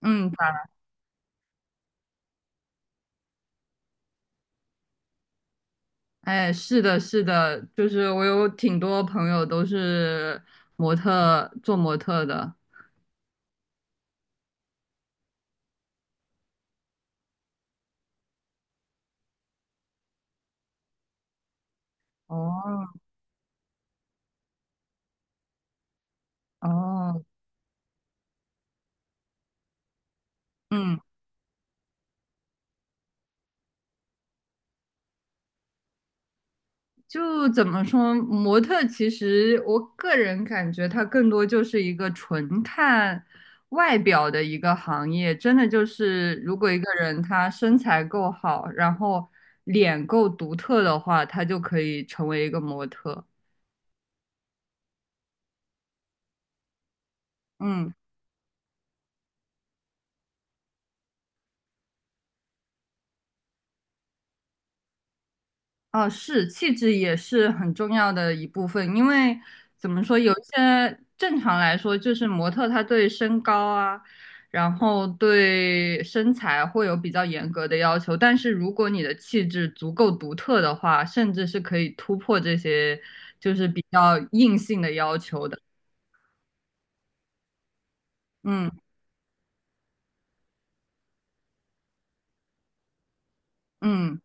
嗯，哎，是的，是的，就是我有挺多朋友都是做模特的。哦哦，嗯，就怎么说，模特其实我个人感觉它更多就是一个纯看外表的一个行业，真的就是如果一个人他身材够好，然后脸够独特的话，他就可以成为一个模特。嗯。哦，是，气质也是很重要的一部分，因为怎么说，有一些正常来说，就是模特他对身高啊，然后对身材会有比较严格的要求，但是如果你的气质足够独特的话，甚至是可以突破这些就是比较硬性的要求的。嗯嗯，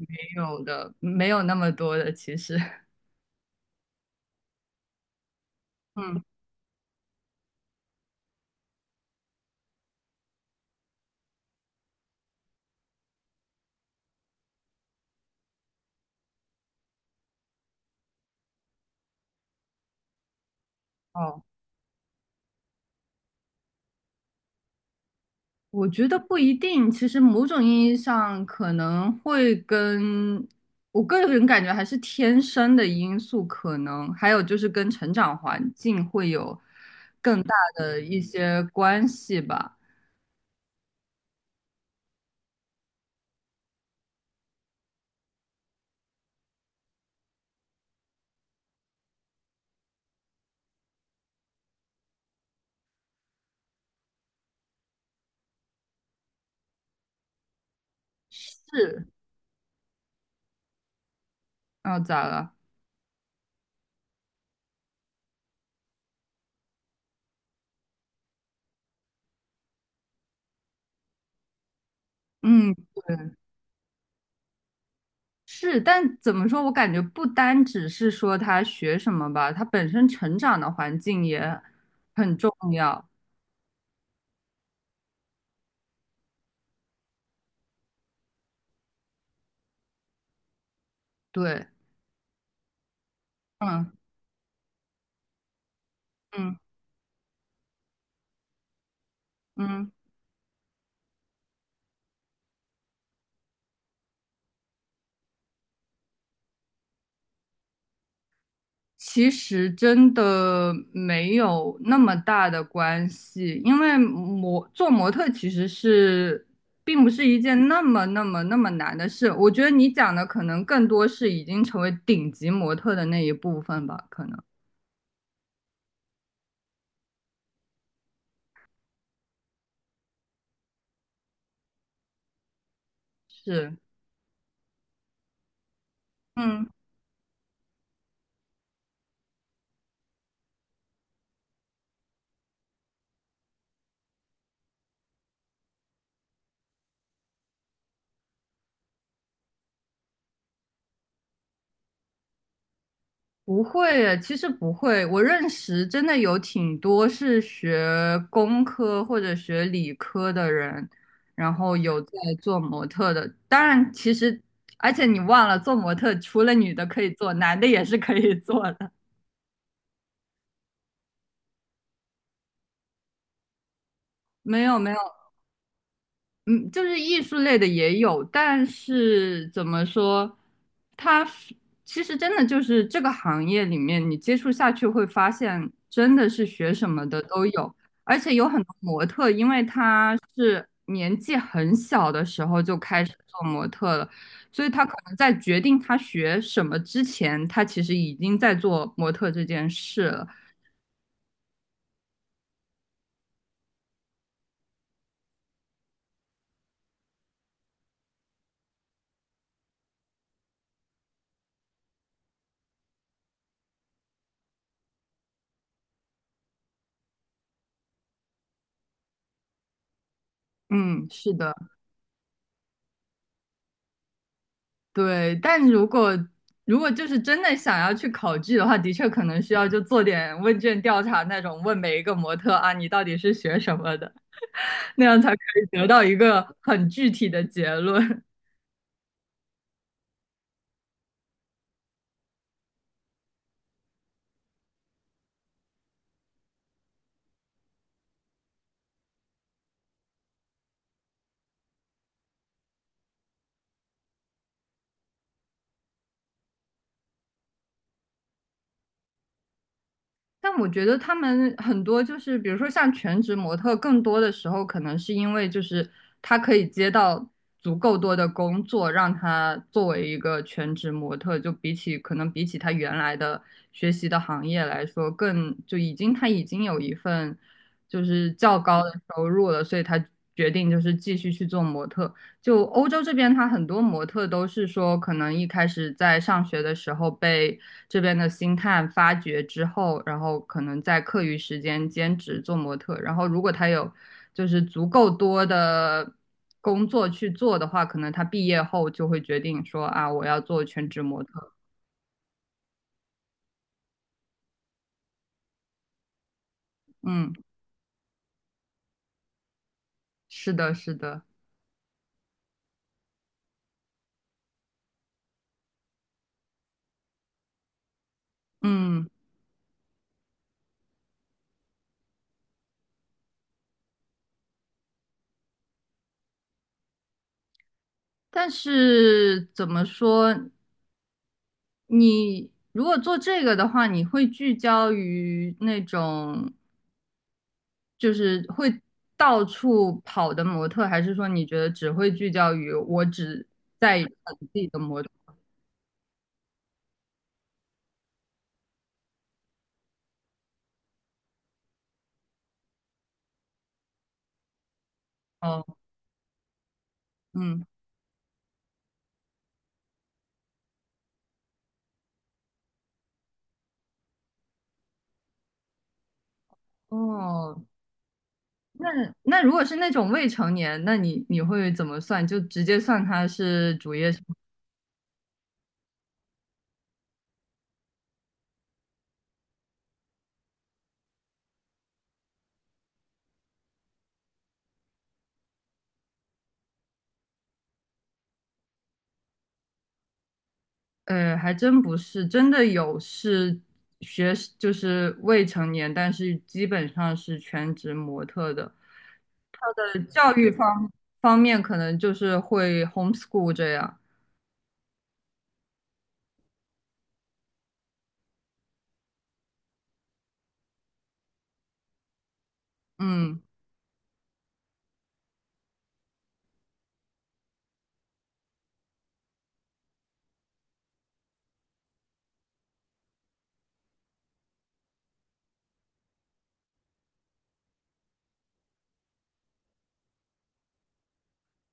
没有的，没有那么多的其实。嗯，哦。我觉得不一定，其实某种意义上可能会我个人感觉还是天生的因素，可能还有就是跟成长环境会有更大的一些关系吧。是，哦，咋了？嗯，对，是，但怎么说？我感觉不单只是说他学什么吧，他本身成长的环境也很重要。对，嗯嗯嗯。其实真的没有那么大的关系，因为做模特其实是并不是一件那么那么那么难的事。我觉得你讲的可能更多是已经成为顶级模特的那一部分吧，可能是，嗯。不会耶，其实不会。我认识真的有挺多是学工科或者学理科的人，然后有在做模特的。当然，其实而且你忘了，做模特除了女的可以做，男的也是可以做的。没有没有，嗯，就是艺术类的也有，但是怎么说，他其实真的就是这个行业里面，你接触下去会发现，真的是学什么的都有，而且有很多模特，因为他是年纪很小的时候就开始做模特了，所以他可能在决定他学什么之前，他其实已经在做模特这件事了。嗯，是的。对，但如果就是真的想要去考据的话，的确可能需要就做点问卷调查那种，问每一个模特啊，你到底是学什么的，那样才可以得到一个很具体的结论。但我觉得他们很多就是，比如说像全职模特，更多的时候可能是因为就是他可以接到足够多的工作，让他作为一个全职模特，就比起可能比起他原来的学习的行业来说，更就已经他已经有一份就是较高的收入了，所以他决定就是继续去做模特。就欧洲这边，他很多模特都是说，可能一开始在上学的时候被这边的星探发掘之后，然后可能在课余时间兼职做模特，然后如果他有就是足够多的工作去做的话，可能他毕业后就会决定说啊，我要做全职模特。嗯，是的，是的，嗯，但是怎么说你？如果做这个的话，你会聚焦于那种就是会到处跑的模特，还是说你觉得只会聚焦于我只在意本地的模特？哦，嗯，哦，那如果是那种未成年，那你会怎么算？就直接算他是主业生还真不是，真的有是学就是未成年，但是基本上是全职模特的。他的教育方面可能就是会 homeschool 这样，嗯。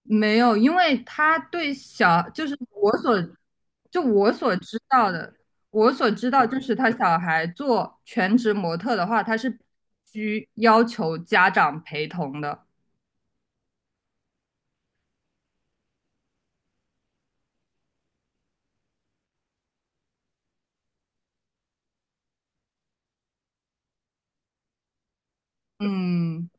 没有，因为他对小，就是我所，就我所知道的，我所知道就是他小孩做全职模特的话，他是需要求家长陪同的。嗯，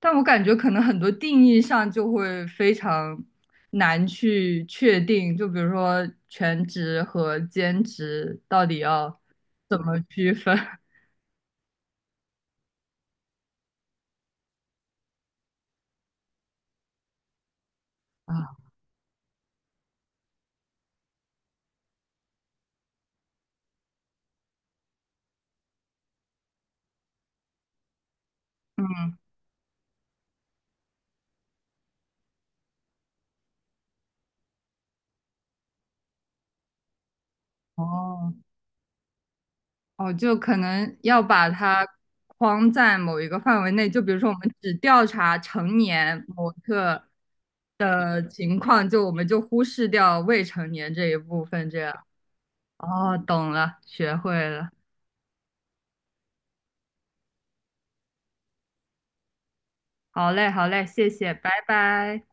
但我感觉可能很多定义上就会非常难去确定，就比如说全职和兼职到底要怎么区分。 啊？嗯，哦。哦，就可能要把它框在某一个范围内，就比如说我们只调查成年模特的情况，就我们就忽视掉未成年这一部分，这样。哦，懂了，学会了。好嘞，好嘞，谢谢，拜拜。